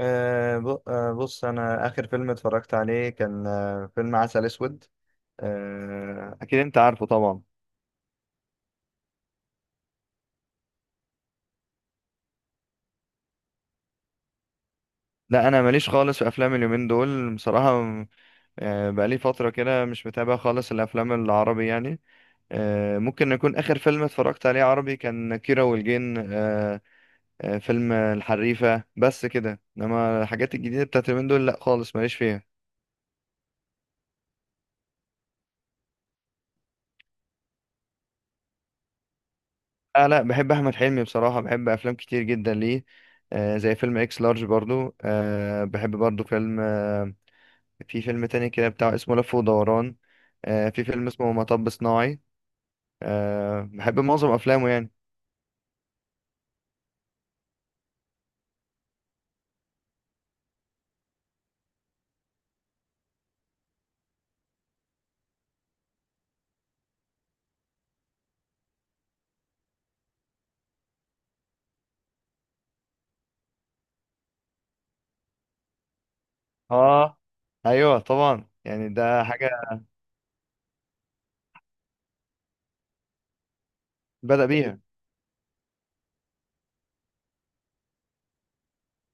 أه ب- آه، بص، انا اخر فيلم اتفرجت عليه كان فيلم عسل اسود. أه، اكيد انت عارفه طبعا. لا، انا ماليش خالص في افلام اليومين دول بصراحه. بقالي فتره كده مش متابع خالص الافلام العربي يعني. ممكن يكون اخر فيلم اتفرجت عليه عربي كان كيرة والجن. أه أه فيلم الحريفه، بس كده انما الحاجات الجديده بتاعت اليومين دول لا خالص ماليش فيها. لا لا، بحب احمد حلمي بصراحه، بحب افلام كتير جدا ليه. زي فيلم اكس لارج برضو، بحب برضو فيلم. في فيلم تاني كده بتاع اسمه لف ودوران. في فيلم اسمه مطب صناعي. بحب معظم افلامه يعني. اه، ايوه طبعا، يعني ده حاجه بدأ بيها.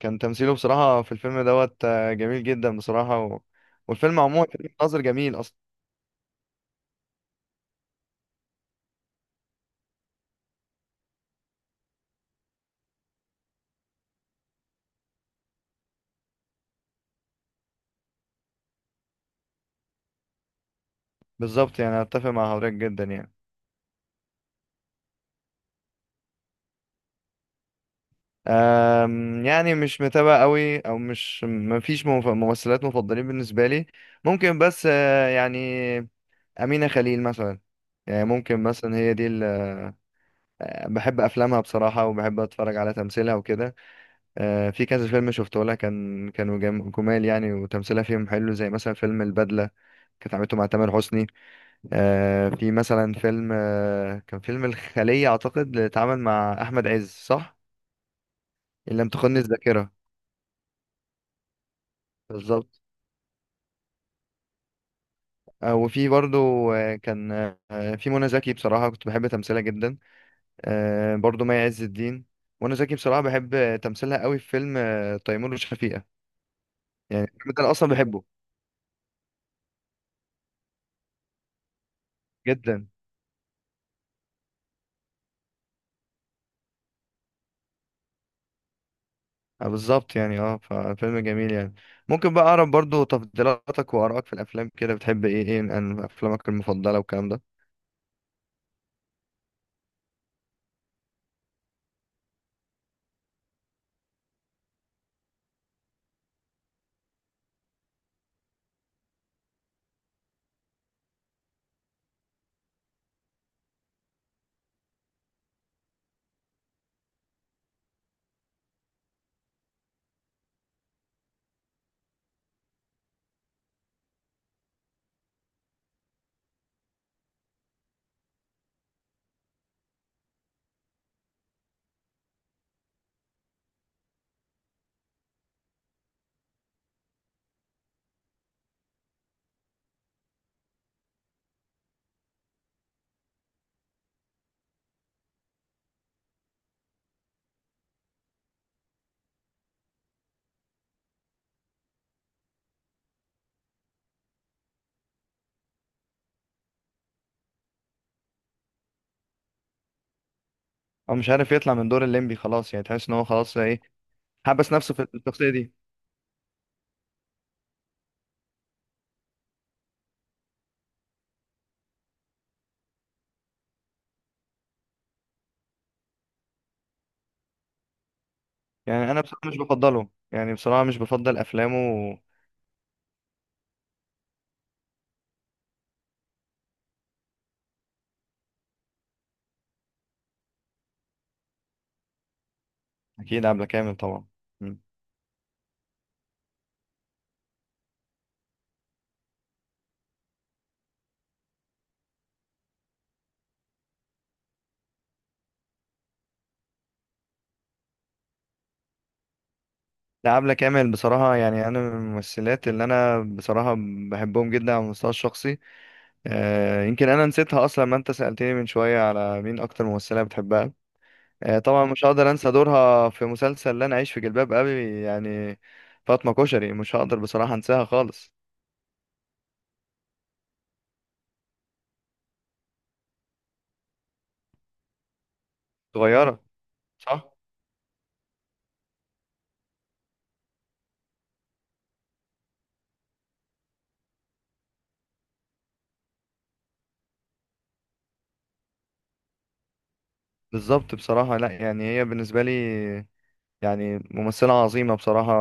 كان تمثيله بصراحه في الفيلم دوت جميل جدا بصراحه. والفيلم عموما فيلم ناظر جميل اصلا. بالظبط، يعني اتفق مع حضرتك جدا يعني. يعني مش متابع قوي او مش ممثلات مفضلين بالنسبه لي. ممكن بس، يعني امينه خليل مثلا. يعني ممكن مثلا هي دي اللي بحب افلامها بصراحه، وبحب اتفرج على تمثيلها وكده. في كذا فيلم شفته لها كانوا جمال يعني، وتمثيلها فيهم حلو زي مثلا فيلم البدله كانت عملته مع تامر حسني. في مثلا فيلم، كان فيلم الخليه اعتقد اللي اتعمل مع احمد عز، صح؟ ان لم تخني الذاكره. بالظبط. وفي برضو، آه، كان آه، في منى زكي، بصراحة كنت بحب تمثيلها جدا. برضو مي عز الدين. منى زكي بصراحة بحب تمثيلها قوي في فيلم تيمور وشفيقة. يعني الفيلم ده أنا أصلا بحبه جدا. بالظبط، يعني ففيلم جميل يعني. ممكن بقى أعرف برضو تفضيلاتك وآرائك في الأفلام؟ كده بتحب إيه، إيه عن أفلامك المفضلة والكلام ده؟ أو مش عارف يطلع من دور الليمبي خلاص، يعني تحس إن هو خلاص إيه، حبس نفسه في الشخصية دي. يعني أنا بصراحة مش بفضله، يعني بصراحة مش بفضل أفلامه. اكيد عبلة كامل طبعا. مم. لا، عبلة كامل بصراحة، يعني انا من الممثلات اللي انا بصراحة بحبهم جدا على المستوى الشخصي. يمكن انا نسيتها اصلا، ما انت سألتني من شوية على مين اكتر ممثلة بتحبها. آه، طبعا مش هقدر انسى دورها في مسلسل لا انا عايش في جلباب ابي يعني. فاطمة كشري مش هقدر بصراحة انساها خالص. صغيرة، صح. بالظبط بصراحة. لا، يعني هي بالنسبة لي، يعني ممثلة عظيمة بصراحة.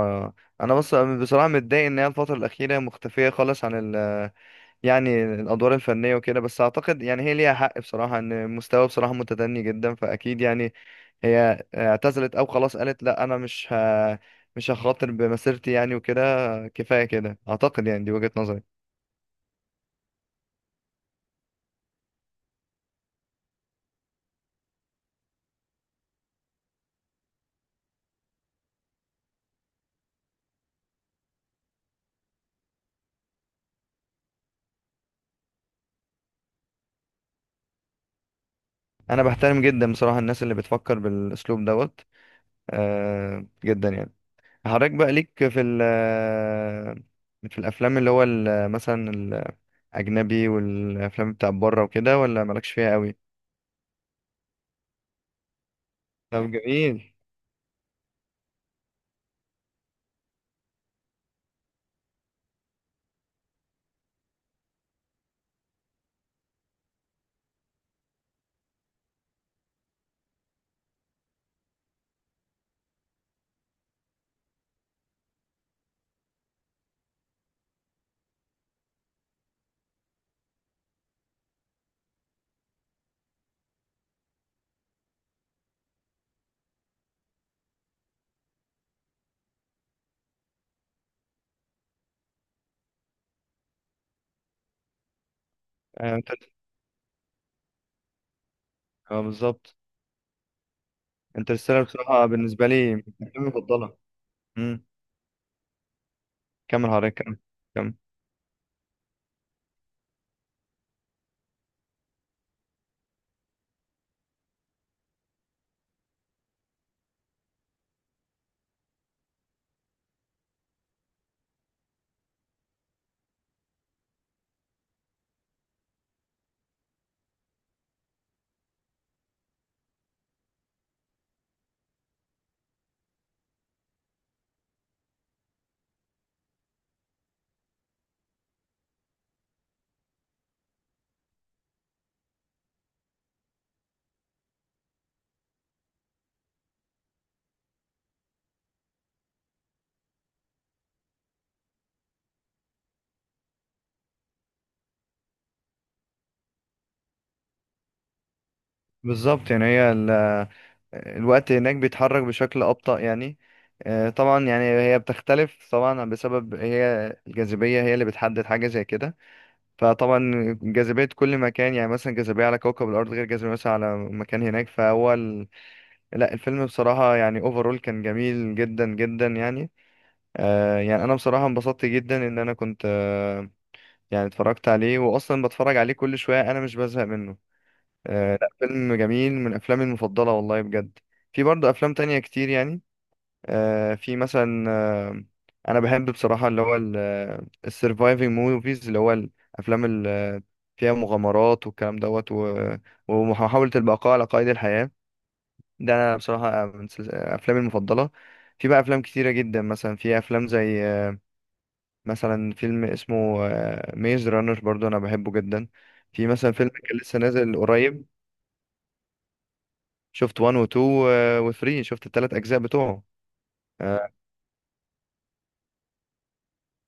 انا بس بصراحة متضايق ان هي الفترة الأخيرة مختفية خالص عن ال يعني الادوار الفنيه وكده، بس اعتقد يعني هي ليها حق بصراحه ان مستوى بصراحه متدني جدا، فاكيد يعني هي اعتزلت او خلاص قالت لا، انا مش هخاطر بمسيرتي يعني وكده. كفايه كده اعتقد، يعني دي وجهه نظري. انا بحترم جدا بصراحه الناس اللي بتفكر بالاسلوب دوت، جدا يعني. حضرتك بقى ليك في في الافلام اللي هو مثلا الاجنبي، والافلام بتاع بره وكده، ولا مالكش فيها قوي؟ طب جميل. اه، آه، بالظبط. انترستيلر بصراحة بالنسبة لي من أفلامي المفضلة. امم. كمل حضرتك، كمل. كمل. بالظبط، يعني الوقت هناك بيتحرك بشكل أبطأ يعني. آه طبعا، يعني هي بتختلف طبعا بسبب هي الجاذبية، هي اللي بتحدد حاجة زي كده. فطبعا جاذبية كل مكان يعني مثلا جاذبية على كوكب الأرض غير جاذبية مثلا على مكان هناك، لا، الفيلم بصراحة يعني اوفرول كان جميل جدا جدا يعني. يعني أنا بصراحة انبسطت جدا إن أنا كنت، يعني اتفرجت عليه، واصلا بتفرج عليه كل شويه، انا مش بزهق منه. لا، فيلم جميل من افلامي المفضله والله بجد. في برضه افلام تانية كتير يعني. آه في مثلا آه انا بحب بصراحه اللي هو السرفايفنج موفيز، اللي هو الافلام اللي فيها مغامرات والكلام دوت، ومحاوله البقاء على قيد الحياه، ده انا بصراحه من افلامي المفضله. في بقى افلام كتيره جدا، مثلا في افلام زي مثلا فيلم اسمه ميز رانر برضو انا بحبه جدا. في مثلا فيلم كان لسه نازل قريب، شفت 1 و 2 و 3، شفت الثلاث اجزاء بتوعه. آه،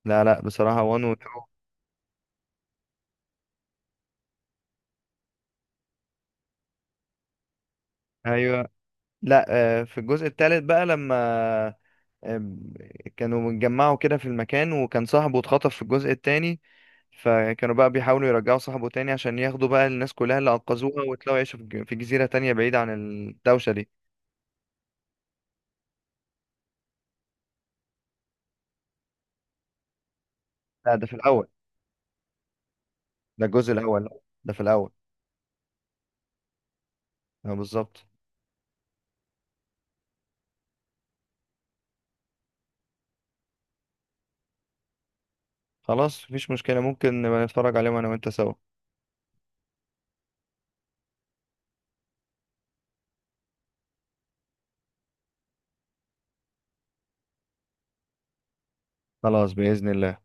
لا لا، بصراحة 1 و 2، ايوه. لا، في الجزء الثالث بقى لما آه، كانوا متجمعوا كده في المكان، وكان صاحبه اتخطف في الجزء الثاني، فكانوا بقى بيحاولوا يرجعوا صاحبه تاني عشان ياخدوا بقى الناس كلها اللي انقذوها ويطلعوا يعيشوا في في جزيرة تانية بعيدة عن الدوشة دي. لا، ده في الاول. ده الجزء الاول، لا ده في الاول. آه، بالظبط. خلاص، مفيش مشكلة، ممكن نبقى نتفرج عليهم أنا وأنت سوا. خلاص، بإذن الله.